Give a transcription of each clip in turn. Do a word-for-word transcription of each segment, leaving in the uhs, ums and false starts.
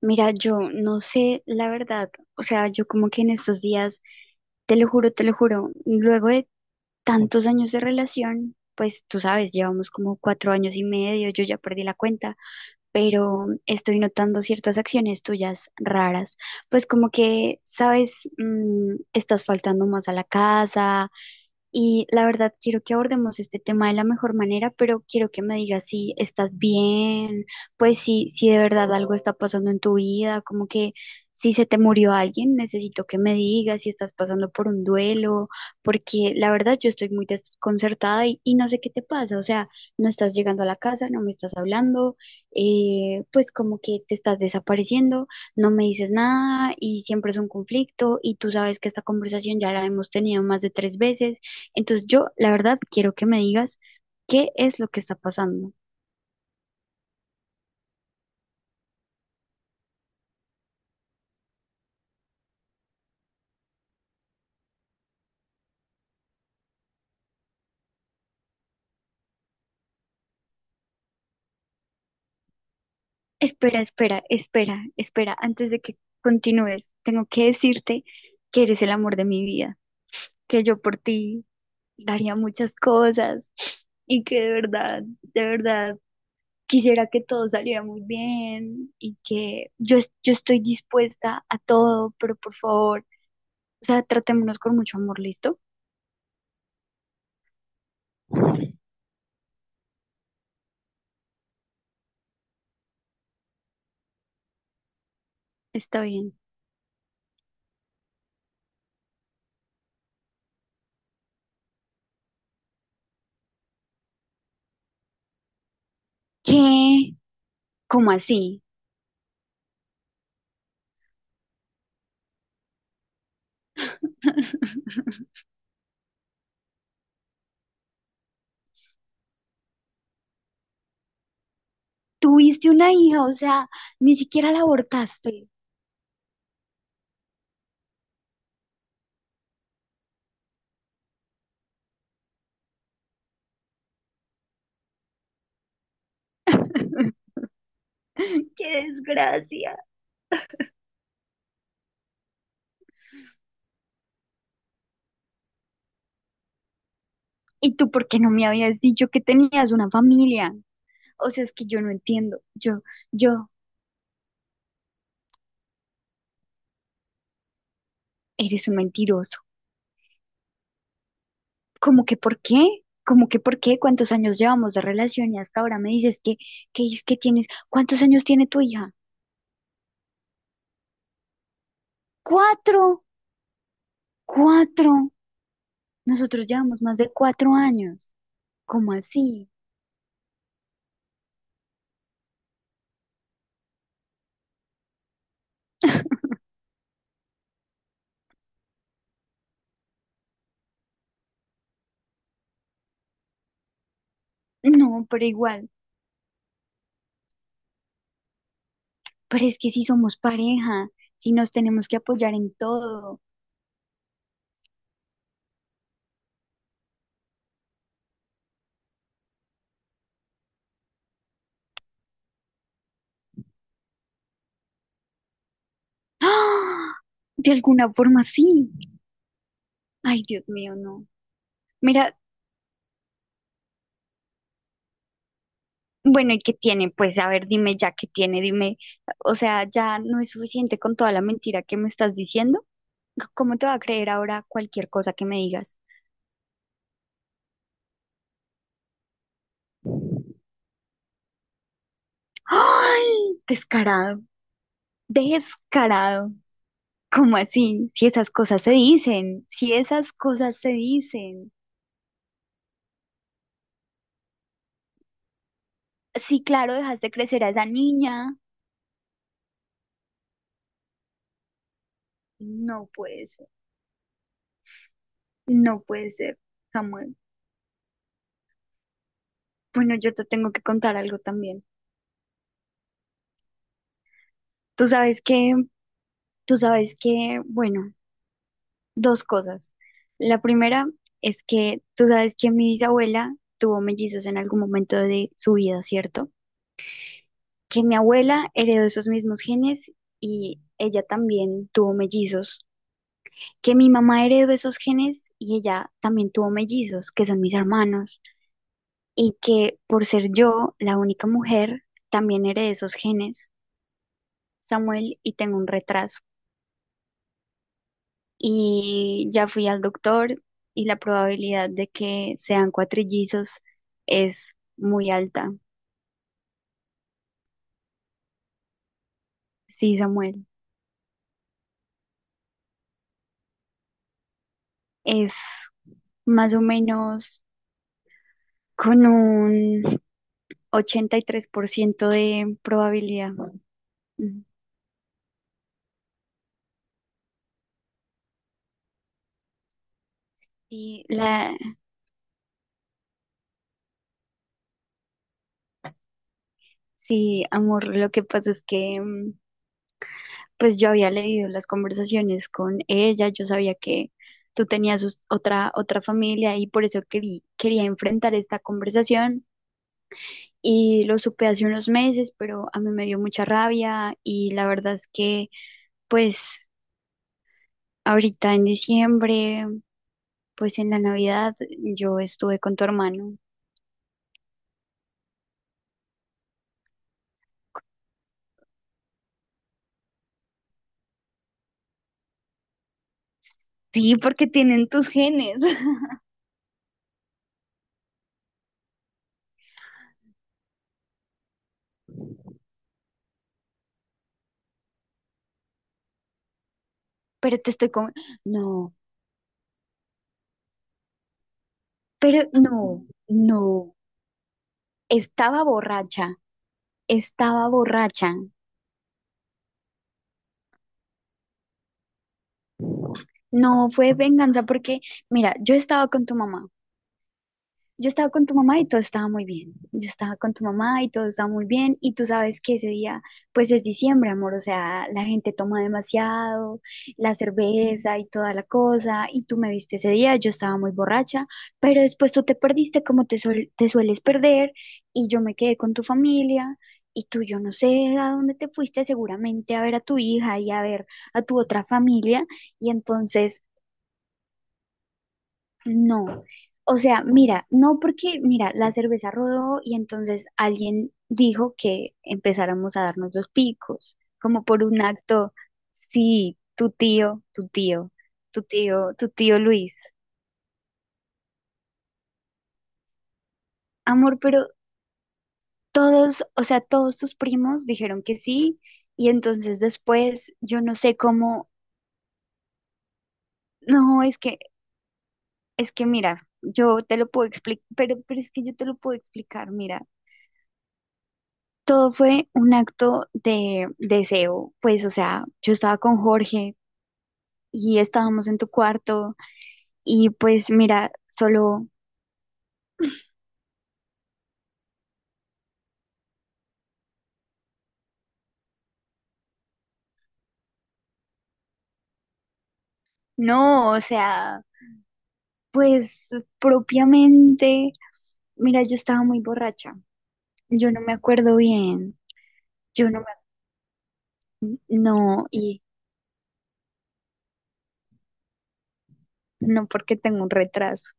Mira, yo no sé la verdad, o sea, yo como que en estos días, te lo juro, te lo juro, luego de tantos años de relación, pues tú sabes, llevamos como cuatro años y medio, yo ya perdí la cuenta, pero estoy notando ciertas acciones tuyas raras, pues como que, sabes, Mm, estás faltando más a la casa, y la verdad, quiero que abordemos este tema de la mejor manera, pero quiero que me digas si estás bien, pues si, si de verdad algo está pasando en tu vida, como que si se te murió alguien, necesito que me digas si estás pasando por un duelo, porque la verdad yo estoy muy desconcertada y, y no sé qué te pasa, o sea, no estás llegando a la casa, no me estás hablando, eh, pues como que te estás desapareciendo, no me dices nada y siempre es un conflicto y tú sabes que esta conversación ya la hemos tenido más de tres veces. Entonces yo, la verdad, quiero que me digas qué es lo que está pasando. Espera, espera, espera, espera, antes de que continúes, tengo que decirte que eres el amor de mi vida, que yo por ti daría muchas cosas y que de verdad, de verdad, quisiera que todo saliera muy bien y que yo, es- yo estoy dispuesta a todo, pero por favor, o sea, tratémonos con mucho amor, ¿listo? Está bien. ¿Qué? ¿Cómo así? Tuviste una hija, o sea, ni siquiera la abortaste. ¡Qué desgracia! ¿Y tú por qué no me habías dicho que tenías una familia? O sea, es que yo no entiendo. Yo, yo, eres un mentiroso. ¿Cómo que por qué? ¿Cómo que por qué? ¿Cuántos años llevamos de relación y hasta ahora me dices que, que es que tienes, ¿cuántos años tiene tu hija? Cuatro, cuatro. Nosotros llevamos más de cuatro años. ¿Cómo así? No, pero igual. Pero es que si somos pareja, si nos tenemos que apoyar en todo. ¡Ah! De alguna forma sí. Ay, Dios mío, no. Mira, bueno, ¿y qué tiene? Pues a ver, dime ya qué tiene, dime. O sea, ya no es suficiente con toda la mentira que me estás diciendo. C- ¿Cómo te va a creer ahora cualquier cosa que me digas? ¡Ay! Descarado, descarado. ¿Cómo así? Si esas cosas se dicen, si esas cosas se dicen. Sí, claro, dejaste crecer a esa niña. No puede ser, no puede ser, Samuel. Bueno, yo te tengo que contar algo también. Tú sabes que, tú sabes que, bueno, dos cosas. La primera es que tú sabes que mi bisabuela tuvo mellizos en algún momento de su vida, ¿cierto? Que mi abuela heredó esos mismos genes y ella también tuvo mellizos. Que mi mamá heredó esos genes y ella también tuvo mellizos, que son mis hermanos. Y que por ser yo la única mujer, también heredé esos genes, Samuel, y tengo un retraso. Y ya fui al doctor y la probabilidad de que sean cuatrillizos es muy alta. Sí, Samuel, es más o menos con un ochenta y tres por ciento de probabilidad. Ujú. Sí, la, sí, amor, lo que pasa es que mm, pues yo había leído las conversaciones con ella, yo sabía que tú tenías sus- otra, otra familia y por eso querí- quería enfrentar esta conversación y lo supe hace unos meses, pero a mí me dio mucha rabia y la verdad es que pues ahorita en diciembre, pues en la Navidad yo estuve con tu hermano. Sí, porque tienen tus genes, pero te estoy como, no, pero no, no, estaba borracha, estaba borracha. No fue venganza porque, mira, yo estaba con tu mamá. Yo estaba con tu mamá y todo estaba muy bien. Yo estaba con tu mamá y todo estaba muy bien. Y tú sabes que ese día, pues es diciembre, amor. O sea, la gente toma demasiado, la cerveza y toda la cosa. Y tú me viste ese día, yo estaba muy borracha. Pero después tú te perdiste como te, suel- te sueles perder. Y yo me quedé con tu familia. Y tú, yo no sé a dónde te fuiste, seguramente a ver a tu hija y a ver a tu otra familia. Y entonces. No, o sea, mira, no porque, mira, la cerveza rodó y entonces alguien dijo que empezáramos a darnos los picos, como por un acto, sí, tu tío, tu tío, tu tío, tu tío Luis. Amor, pero todos, o sea, todos tus primos dijeron que sí y entonces después yo no sé cómo, no, es que, es que mira, yo te lo puedo explicar, pero, pero es que yo te lo puedo explicar, mira. Todo fue un acto de deseo, pues, o sea, yo estaba con Jorge y estábamos en tu cuarto y pues mira, solo, no, o sea, pues propiamente, mira, yo estaba muy borracha, yo no me acuerdo bien, yo no me, no, y no porque tengo un retraso,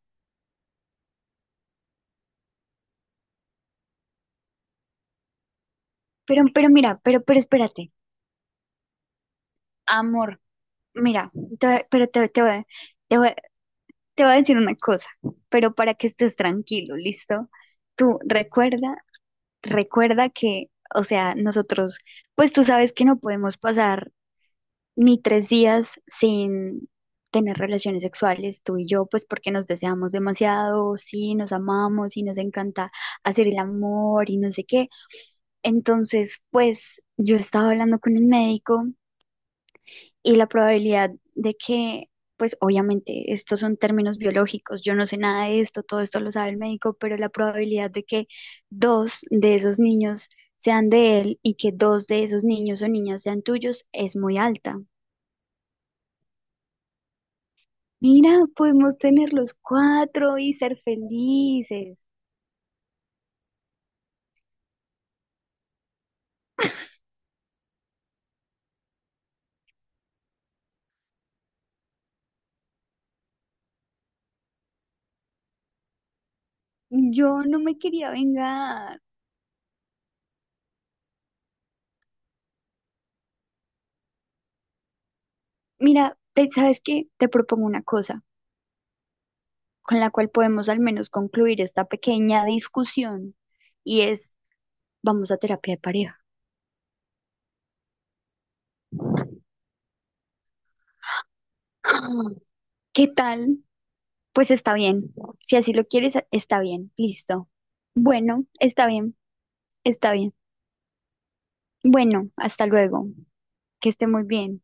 pero, pero mira, pero, pero espérate, amor, mira, te- pero te, te, voy- te voy Te voy a decir una cosa, pero para que estés tranquilo, ¿listo? Tú recuerda, recuerda que, o sea, nosotros, pues tú sabes que no podemos pasar ni tres días sin tener relaciones sexuales, tú y yo, pues porque nos deseamos demasiado, sí, nos amamos y nos encanta hacer el amor y no sé qué. Entonces, pues yo estaba hablando con el médico y la probabilidad de que, pues obviamente, estos son términos biológicos, yo no sé nada de esto, todo esto lo sabe el médico, pero la probabilidad de que dos de esos niños sean de él y que dos de esos niños o niñas sean tuyos es muy alta. Mira, podemos tener los cuatro y ser felices. Yo no me quería vengar. Mira, te- ¿sabes qué? Te propongo una cosa con la cual podemos al menos concluir esta pequeña discusión y es vamos a terapia de pareja. ¿Qué tal? Pues está bien. Si así lo quieres, está bien. Listo. Bueno, está bien, está bien. Bueno, hasta luego. Que esté muy bien.